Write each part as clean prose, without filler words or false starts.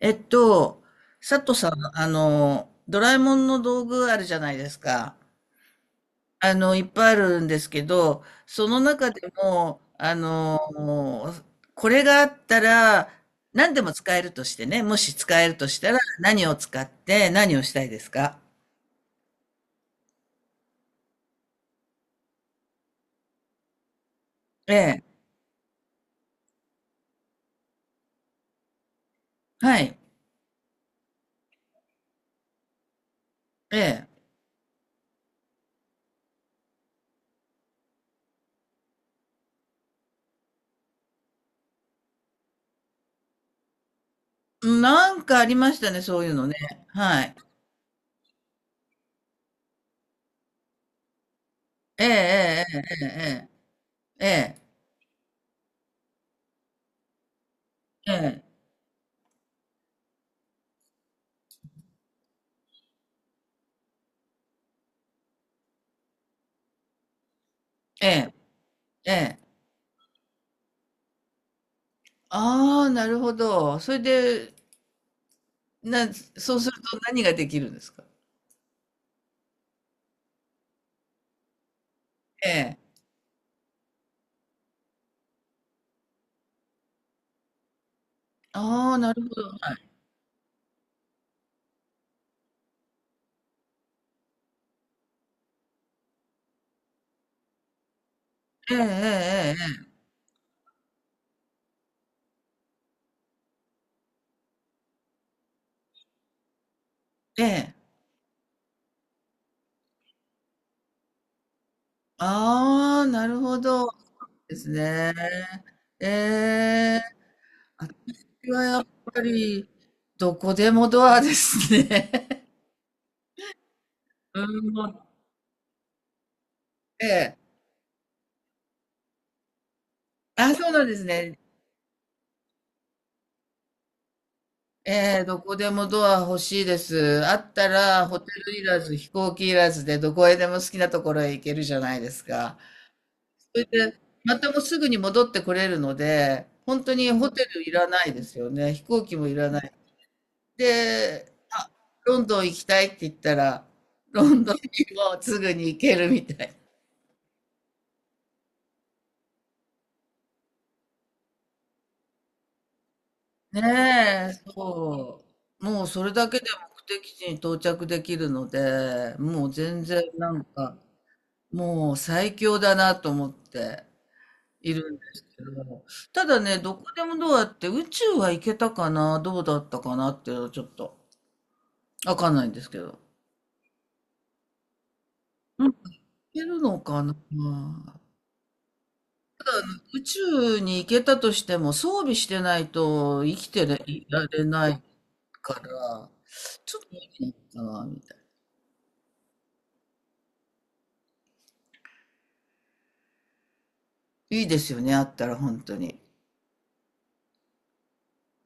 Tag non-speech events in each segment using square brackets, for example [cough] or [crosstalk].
えっと、佐藤さん、ドラえもんの道具あるじゃないですか。いっぱいあるんですけど、その中でも、これがあったら、何でも使えるとしてね、もし使えるとしたら、何を使って何をしたいですか？ええ、はい、ええ。なんかありましたね、そういうのね。はい。ええ、ええ、ええ、ええ、ええ、ええ。ええ、ああ、なるほど。それで、そうすると何ができるんですか？ええ。ああ、なるほど、はい。ええええええええ。ええ。ああ、なるほど。そうですね。ええ。私はやっぱり、どこでもドアですね。うん、[laughs] もうええ。あ、そうなんですね。ええ、どこでもドア欲しいです。あったらホテルいらず、飛行機いらずでどこへでも好きなところへ行けるじゃないですか。それで、またもうすぐに戻ってこれるので、本当にホテルいらないですよね。飛行機もいらない。で、あ、ロンドン行きたいって言ったら、ロンドンにもすぐに行けるみたい。ねえ、そう。もうそれだけで目的地に到着できるので、もう全然なんか、もう最強だなと思っているんですけど、ただね、どこでもどうやって宇宙は行けたかな、どうだったかなっていうのはちょっと。わかんないんですけど。うん。いけるのかな。宇宙に行けたとしても装備してないと生きていられないから、ちょっといいのかな、みたいな。いいですよね、あったら本当に。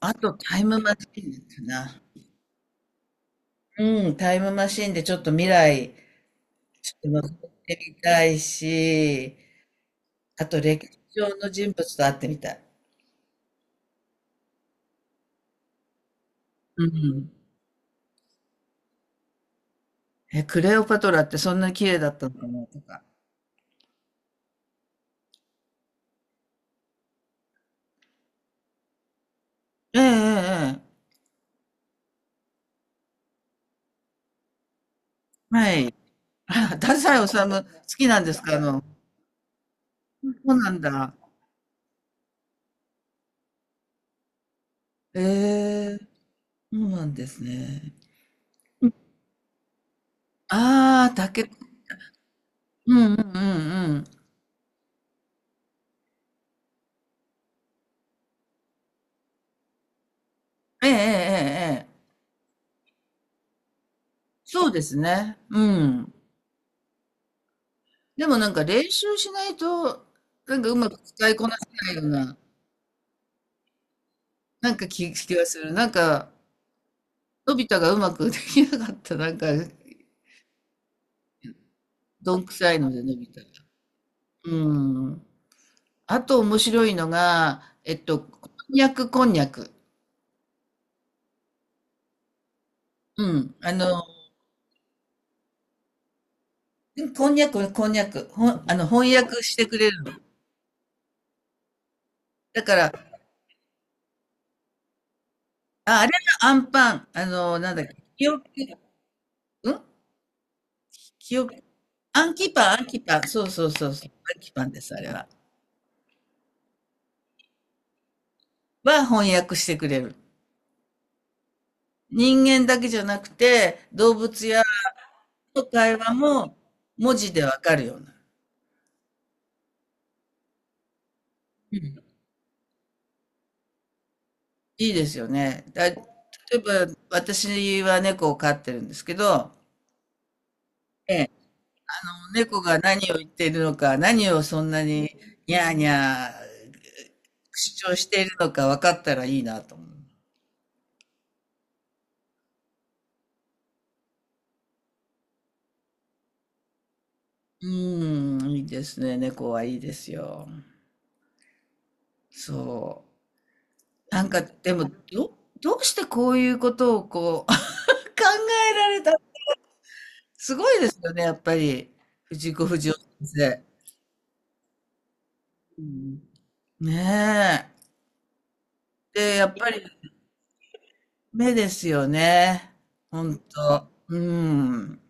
あとタイムマシーンかな。うん、タイムマシーンでちょっと未来、ちょっと覗いてみたいし、あと歴史上の人物と会ってみたい。うん。え、クレオパトラってそんな綺麗だったのかなとか。ええええええ。はい。[laughs] あ、太宰治好きなんですか？そうなんだ。ええ、そうなんですね。ああ、うんうんうんうん。ええええええ、そうですね。うん。でもなんか練習しないと、なんかうまく使いこなせないような、なんか気がする。なんか、のび太がうまくできなかった、なんか、どんくさいので、のび太が。うん。あと面白いのが、こんにゃくこんにゃく。うん。うん、こんにゃく、こんにゃく。ほん、あの、翻訳してくれるの。だから、あれがアンパン、なんだっけ、記憶、うん、記憶、アンキパン、アンキパン、そうそうそうそう、アンキパンです、あれは。翻訳してくれる。人間だけじゃなくて、動物やの会話も文字でわかるような。うん、いいですよね。例えば、私は猫を飼ってるんですけど、ええ、猫が何を言っているのか、何をそんなにニャーニャー主張しているのか分かったらいいなと思う。うーん、いいですね。猫はいいですよ。そう。なんか、でも、どうしてこういうことをこう、[laughs] 考えられた。すごいですよね、やっぱり。藤子不二雄先生。うん、ねえ。で、やっぱり目ですよね。ほんと。うん。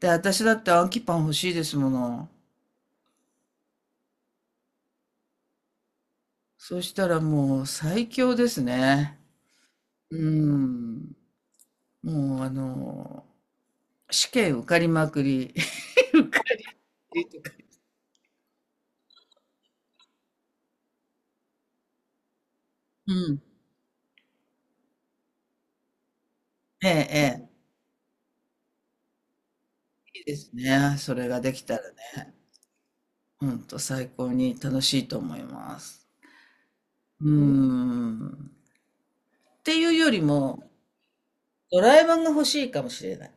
で、私だって暗記パン欲しいですもの。そしたらもう最強ですね。うん。もう試験受かりまくり。[laughs] 受かりとか。うん。ええ、ええ。いいですね。それができたらね。ほんと最高に楽しいと思います。うん。っていうよりも、ドラえもんが欲しいかもしれない。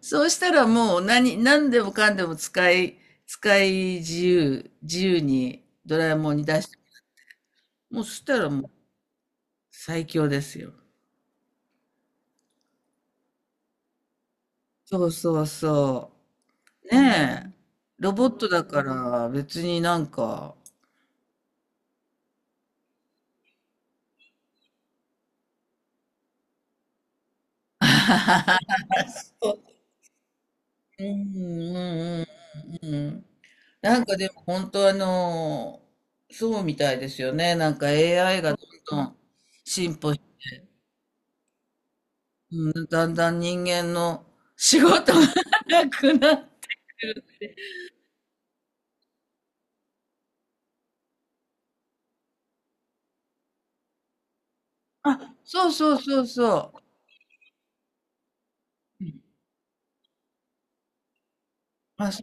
そうしたらもう何でもかんでも使い、自由、自由にドラえもんに出して、もうそしたらもう最強ですよ。そうそうそう。ねえ。ロボットだから別になんか、うんうんうんうん。なんかでも本当そうみたいですよね。なんか AI がどんどん進歩し、だんだん人間の仕事が [laughs] なくなっ、あ、そうそうそうそう。うん。あ、そ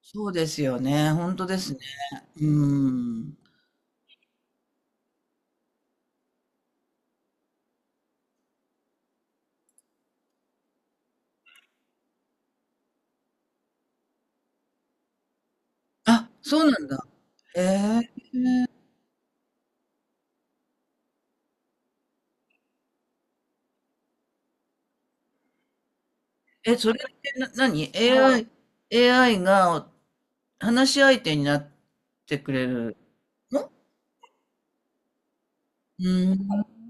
そうですよね。ほんとですね。うん。あ、そうなんだ。ええ、それってな何 a i AI が話し相手になってくれるの？うん。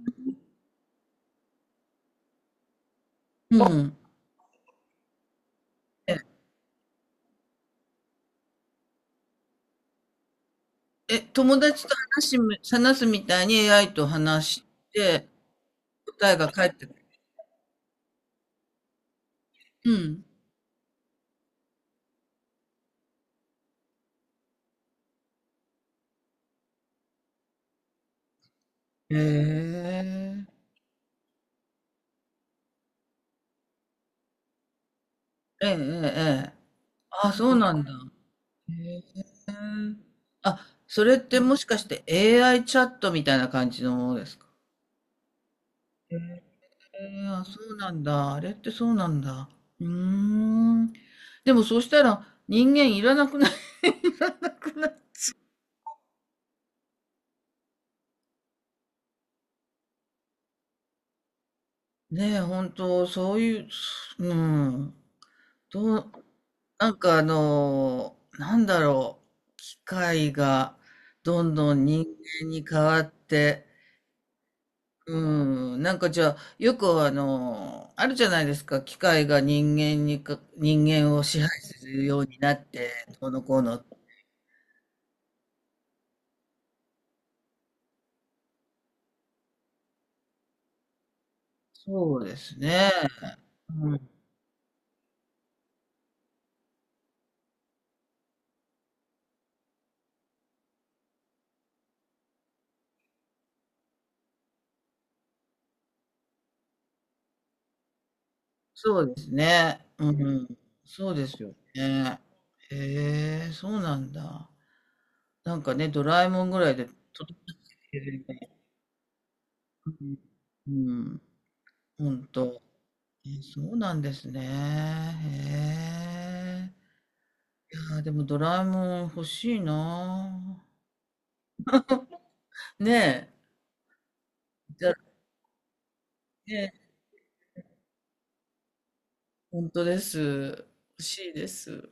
うん。え、友達と話しむ話すみたいに AI と話して答えが返ってくる。うん。へえー。ええええええ。あ、そうなんだ。へへえ。あ、それってもしかして AI チャットみたいな感じのものですか？ええ、あ、そうなんだ。あれってそうなんだ。うーん。でもそうしたら人間いらなくなくな [laughs] ねえ、本当そういう、うん。どう、なんかなんだろう。機械がどんどん人間に変わって、うん、なんかじゃあ、よくあるじゃないですか、機械が人間にか、人間を支配するようになって、どうのこうの。そうですね。うん、そうですね。うん、そうですよね。へえ、そうなんだ。なんかね、ドラえもんぐらいで、とても、うん、うん、ほんと。え、そうなんですね。へえ。いやー、でもドラえもん欲しいなー。ねえ。じゃ、ね、本当です。欲しいです。